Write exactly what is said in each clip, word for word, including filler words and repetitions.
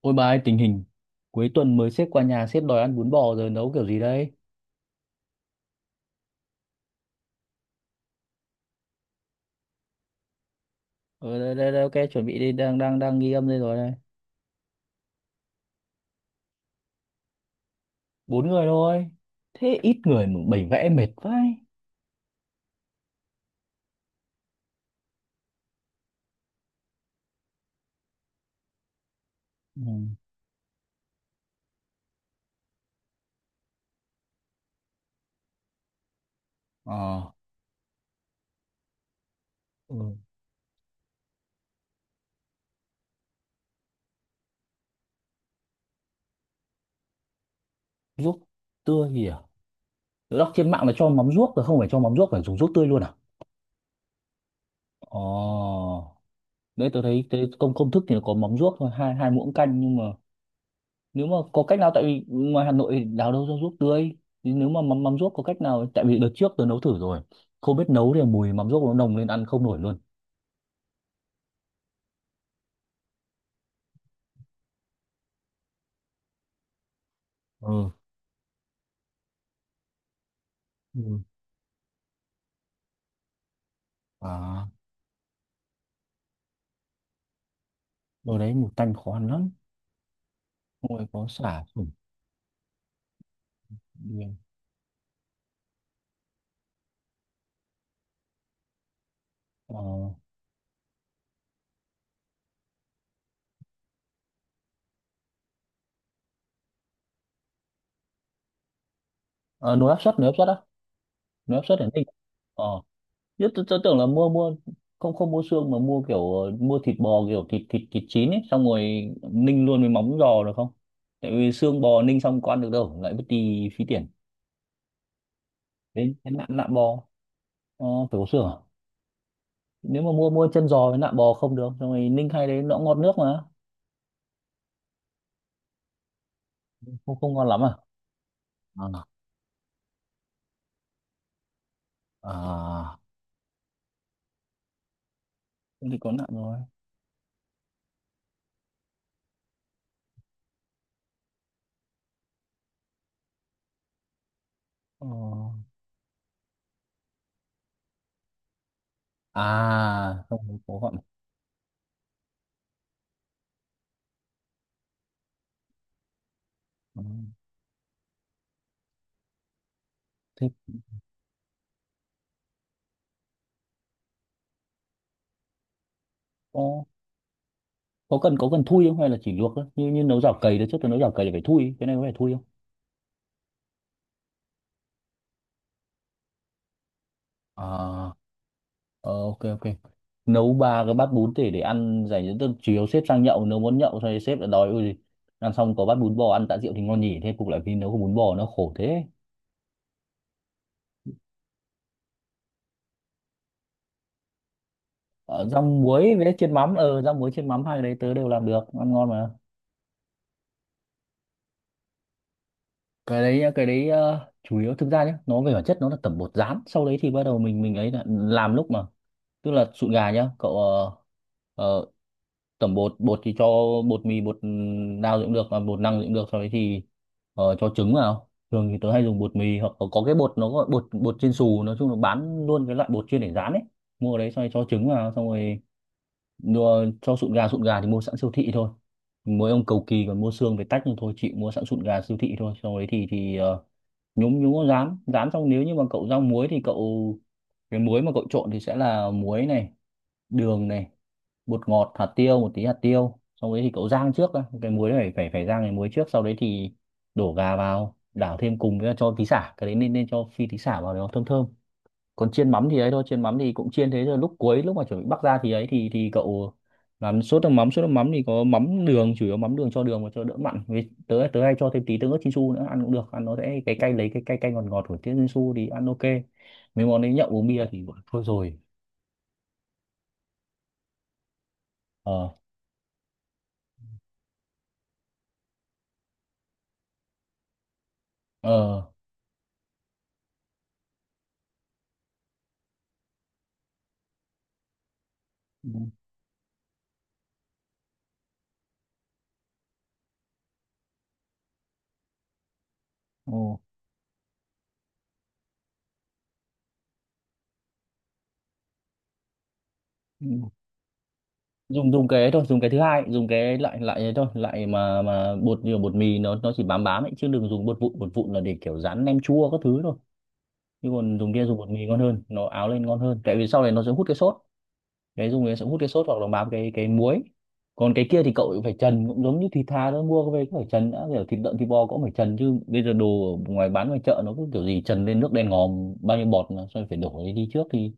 Ôi bà ơi, tình hình cuối tuần mới sếp qua nhà sếp đòi ăn bún bò rồi nấu kiểu gì đây? Ờ đây, đây, đây, ok chuẩn bị đi đang đang đang ghi âm đây rồi đây. Bốn người thôi. Thế ít người mà bày vẽ mệt vãi. Ừ. Ờ, ừ. Ruốc tươi gì à? Tớ đọc trên mạng là cho mắm ruốc rồi không phải cho mắm ruốc phải dùng ruốc tươi luôn à? Ờ. Đấy tớ thấy tớ, công công thức thì nó có mắm ruốc thôi, hai hai muỗng canh nhưng mà nếu mà có cách nào tại vì ngoài Hà Nội thì đào đâu ra ruốc tươi thì nếu mà mắm mắm ruốc có cách nào tại vì đợt trước tớ nấu thử rồi không biết nấu thì mùi mắm ruốc nó nồng lên ăn không nổi luôn ừ Ừ. à đồ đấy mùi tanh khó ăn lắm Xong rồi có sả sủng riêng. Ờ à, nồi áp suất nồi áp suất á nồi áp suất ở Ninh ờ nhất tớ, tớ tưởng là mua mua không không mua xương mà mua kiểu ờ, mua thịt bò kiểu thịt thịt thịt chín ấy xong rồi ninh luôn với móng giò được không tại vì xương bò ninh xong có ăn được đâu lại mất đi phí tiền đấy cái nạn lạ bò Ờ, phải có xương à? Nếu mà mua mua chân giò với nạm bò không được, rồi ninh hay đấy nó cũng ngọt nước mà, không không ngon lắm à? À, à, Thế Thì có nạm rồi. Ờ, à, không không có gọn. Ờ, Thế có có cần có cần thui không hay là chỉ luộc thôi? Như như nấu chảo cầy đấy trước tôi nấu chảo cầy là phải thui, cái này có phải thui không? À, Ờ, ok ok nấu ba cái bát bún để để ăn dành cho tức chiều sếp sang nhậu nếu muốn nhậu xong rồi sếp lại đòi ui ăn xong có bát bún bò ăn tạ rượu thì ngon nhỉ thế cục lại vì nấu có bún bò nó khổ thế Ờ, rau muối với chiên mắm ờ rau muối chiên mắm hai cái đấy tớ đều làm được ăn ngon mà cái đấy nhá, cái đấy ờ, chủ yếu thực ra nhá nó về bản chất nó là tẩm bột rán sau đấy thì bắt đầu mình mình ấy là làm lúc mà tức là sụn gà nhá cậu ờ, ờ, tẩm bột bột thì cho bột mì bột ừ, đao gì cũng được mà bột năng gì cũng được sau đấy thì ờ, cho trứng vào thường thì tớ hay dùng bột mì hoặc có cái bột nó gọi bột bột chiên xù nói chung là bán luôn cái loại bột chuyên để rán ấy mua ở đấy xong rồi cho trứng vào xong rồi mua cho sụn gà sụn gà thì mua sẵn siêu thị thôi mỗi ông cầu kỳ còn mua xương về tách nhưng thôi chị mua sẵn sụn gà siêu thị thôi sau đấy thì thì ờ, nhúng nhúng có rán rán xong nếu như mà cậu rang muối thì cậu cái muối mà cậu trộn thì sẽ là muối này đường này bột ngọt hạt tiêu một tí hạt tiêu sau đấy thì cậu rang trước đã. Cái muối này phải phải phải rang cái muối trước sau đấy thì đổ gà vào đảo thêm cùng với cho tí sả cái đấy nên nên cho phi tí sả vào để nó thơm thơm còn chiên mắm thì ấy thôi chiên mắm thì cũng chiên thế rồi lúc cuối lúc mà chuẩn bị bắc ra thì ấy thì thì cậu làm sốt nước mắm sốt nước mắm thì có mắm đường chủ yếu mắm đường cho đường và cho đỡ mặn với tớ tớ hay cho thêm tí tương ớt Chinsu nữa ăn cũng được ăn nó sẽ cái cay lấy cái cay cay ngọt ngọt của tiếng Chinsu thì ăn ok mấy món đấy nhậu uống bia thì bảo thôi rồi ờ ờ ừ, ừ. dùng dùng cái ấy thôi dùng cái thứ hai dùng cái loại loại ấy thôi loại mà mà bột như bột mì nó nó chỉ bám bám ấy chứ đừng dùng bột vụn bột vụn là để kiểu rán nem chua các thứ thôi chứ còn dùng kia dùng bột mì ngon hơn nó áo lên ngon hơn tại vì sau này nó sẽ hút cái sốt cái dùng này sẽ hút cái sốt hoặc là bám cái cái muối còn cái kia thì cậu cũng phải trần cũng giống như thịt thà đó mua về cũng phải trần đã kiểu thịt lợn thịt bò cũng phải trần chứ bây giờ đồ ở ngoài bán ngoài chợ nó cứ kiểu gì trần lên nước đen ngòm bao nhiêu bọt mà xong rồi phải đổ đi đi trước thì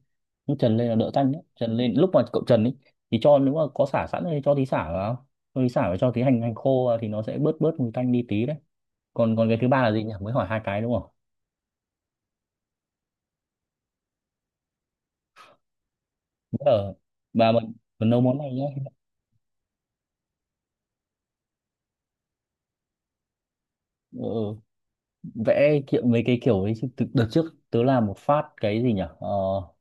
nó trần lên là đỡ tanh đấy trần lên lúc mà cậu trần ấy thì cho nếu mà có sả sẵn thì cho tí sả vào cho tí sả và cho tí hành hành khô vào thì nó sẽ bớt bớt mùi tanh đi tí đấy còn còn cái thứ ba là gì nhỉ mới hỏi hai cái đúng không ở mà mình mình nấu món này nhé ừ, vẽ kiểu mấy cái kiểu ấy chứ từ- đợt trước tớ làm một phát cái gì nhỉ ờ,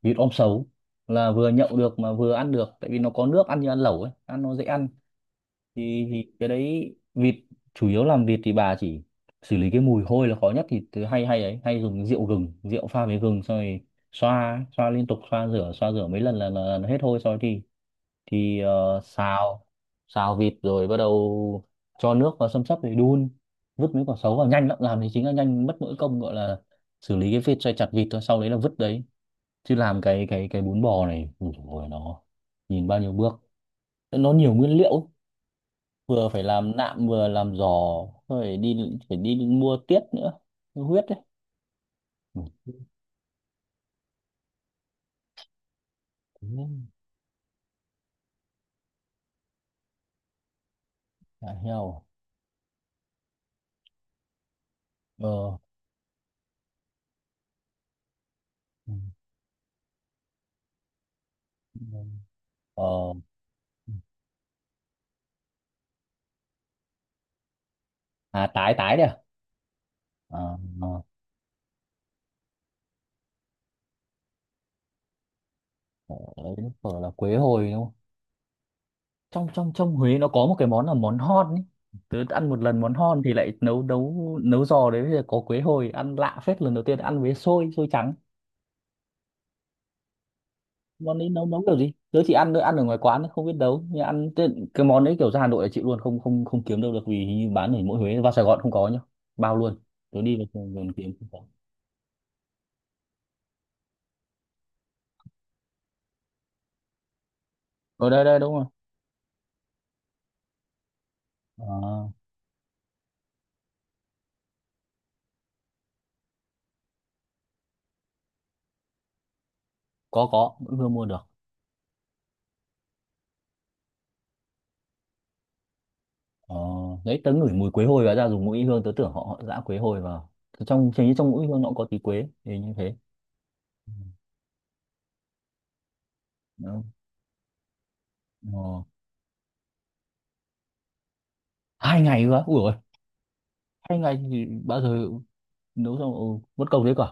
vịt om sấu là vừa nhậu được mà vừa ăn được tại vì nó có nước ăn như ăn lẩu ấy ăn nó dễ ăn thì, thì cái đấy vịt chủ yếu làm vịt thì bà chỉ xử lý cái mùi hôi là khó nhất thì tớ hay hay ấy hay dùng rượu gừng rượu pha với gừng xong rồi xoa xoa liên tục xoa rửa xoa rửa mấy lần là, là, là hết hôi xong rồi thì thì ờ, xào xào vịt rồi bắt đầu cho nước vào xăm xắp để đun vứt mấy quả sấu vào nhanh lắm làm thì chính là nhanh mất mỗi công gọi là xử lý cái vết xoay chặt vịt thôi sau đấy là vứt đấy chứ làm cái cái cái bún bò này ui dồi ôi, nó nhìn bao nhiêu bước nó nhiều nguyên liệu ấy. Vừa phải làm nạm vừa làm giò phải đi phải đi mua tiết nữa huyết đấy Ừ, thế chả heo ờ ừ, ừ, ờ à tái tái đấy à, à, à phở đấy, phở là quế hồi đúng không trong trong trong Huế nó có một cái món là món hon ấy. Tớ ăn một lần món hon thì lại nấu nấu nấu giò đấy bây giờ có quế hồi ăn lạ phết lần đầu tiên ăn với xôi xôi trắng món đấy nấu nấu kiểu gì tớ chỉ ăn ăn ở ngoài quán ấy, không biết nấu nhưng ăn tên- cái món đấy kiểu ra Hà Nội là chịu luôn không không không kiếm đâu được vì hình như bán ở mỗi Huế vào Sài Gòn không có nhá bao luôn tớ đi vào Sài Gòn kiếm không có ở đây đây đúng rồi Ờ, có có vẫn vừa mua được Ờ, đấy tớ ngửi mùi quế hồi và ra dùng mũi hương tớ tưởng họ họ giã quế hồi vào trong hình như trong mũi hương nó cũng có tí quế thì như thế Đó. Ờ. hai ngày cơ á? Ủa rồi hai ngày thì bao giờ nấu xong ừ, mất công đấy cả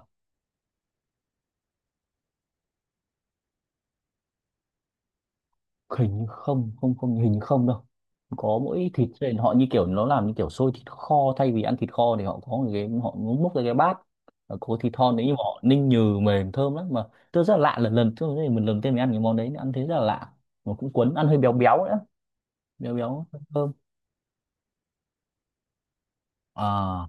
hình như không không không hình như không đâu có mỗi thịt trên họ như kiểu nó làm như kiểu xôi thịt kho thay vì ăn thịt kho thì họ có một cái họ múc ra cái bát Và có thịt thon đấy nhưng mà họ ninh nhừ mềm thơm lắm mà tôi rất là lạ lần lần tôi mình lần đầu tiên mình ăn cái món đấy ăn thấy rất là lạ mà cũng cuốn ăn hơi béo béo nữa béo béo thơm à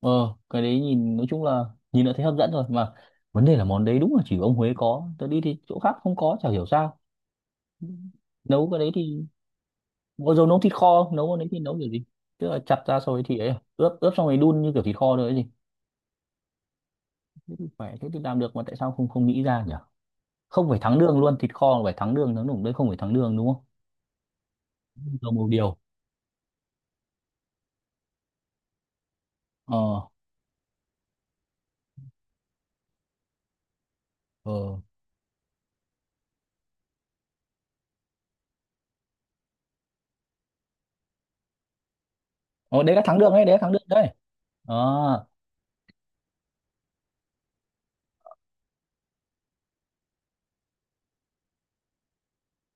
Ờ, cái đấy nhìn nói chung là nhìn đã thấy hấp dẫn rồi mà vấn đề là món đấy đúng là chỉ ông Huế có tớ đi thì chỗ khác không có chả hiểu sao nấu cái đấy thì bao giờ nấu thịt kho nấu cái đấy thì nấu kiểu gì tức là chặt ra rồi thì ấy à, ướp ướp xong rồi đun như kiểu thịt kho rồi ấy gì phải thế thì làm được mà tại sao không không nghĩ ra nhỉ không phải thắng đường luôn thịt kho là phải thắng đường thắng đường đấy không phải thắng đường đúng không dầu màu điều ờ ờ ờ đấy là thắng đường đấy đấy là thắng đường đấy ờ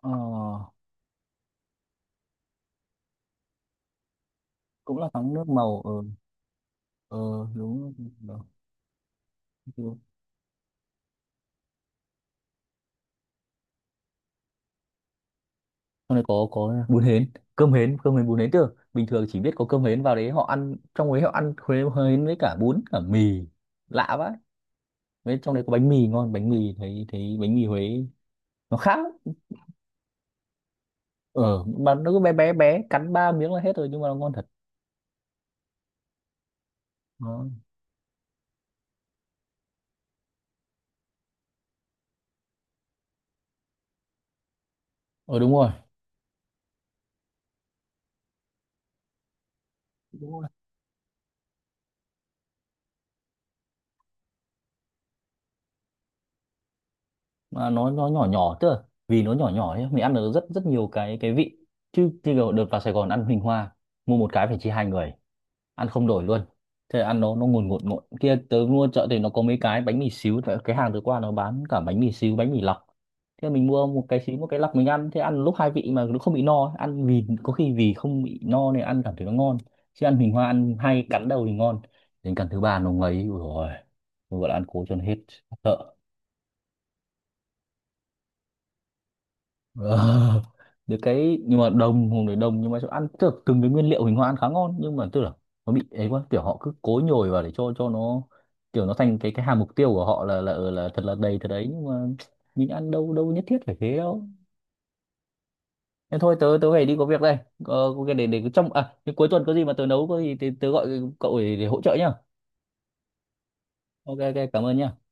ờ cũng là thắng nước màu ờ ờ đúng rồi. Trong này có có bún hến, cơm hến, cơm hến bún hến chứ. Bình thường chỉ biết có cơm hến vào đấy họ ăn trong đấy họ ăn khuế- hến với cả bún cả mì. Lạ vậy. Với trong đấy có bánh mì ngon, bánh mì thấy thấy bánh mì Huế nó khác. Lắm. Ờ mà nó cứ bé bé bé cắn ba miếng là hết rồi nhưng mà nó ngon thật. Nó ờ đúng rồi, mà nó nó nhỏ nhỏ chứ. Vì nó nhỏ nhỏ ấy, mình ăn được rất rất nhiều cái cái vị. Chứ chứ đợt vào Sài Gòn ăn Huỳnh Hoa, mua một cái phải chia hai người. Ăn không đổi luôn thế là ăn nó nó ngùn ngụt ngụt kia tớ mua chợ thì nó có mấy cái bánh mì xíu tại cái hàng tớ qua nó bán cả bánh mì xíu bánh mì lọc thế là mình mua một cái xíu một cái lọc mình ăn thế ăn lúc hai vị mà nó không bị no ăn vì có khi vì không bị no nên ăn cảm thấy nó ngon chứ ăn bình hoa ăn hay cắn đầu thì ngon đến cắn thứ ba nó ngấy ui rồi gọi là ăn cố cho nó hết sợ Ờ, được cái nhưng mà đồng hùng để đồng nhưng mà chỗ ăn tức là từng cái nguyên liệu hình hoa ăn khá ngon nhưng mà tức là nó bị ấy quá kiểu họ cứ cố nhồi vào để cho cho nó kiểu nó thành cái cái hàm mục tiêu của họ là là ờ, là thật là đầy thật đấy nhưng mà mình ăn đâu đâu nhất thiết phải thế đâu thế thôi tớ tớ phải đi có việc đây ờ, có cái để để trong à cái cuối tuần có gì mà tớ nấu có gì tớ, tớ gọi cậu để, để hỗ trợ nhá ok ok cảm ơn nhá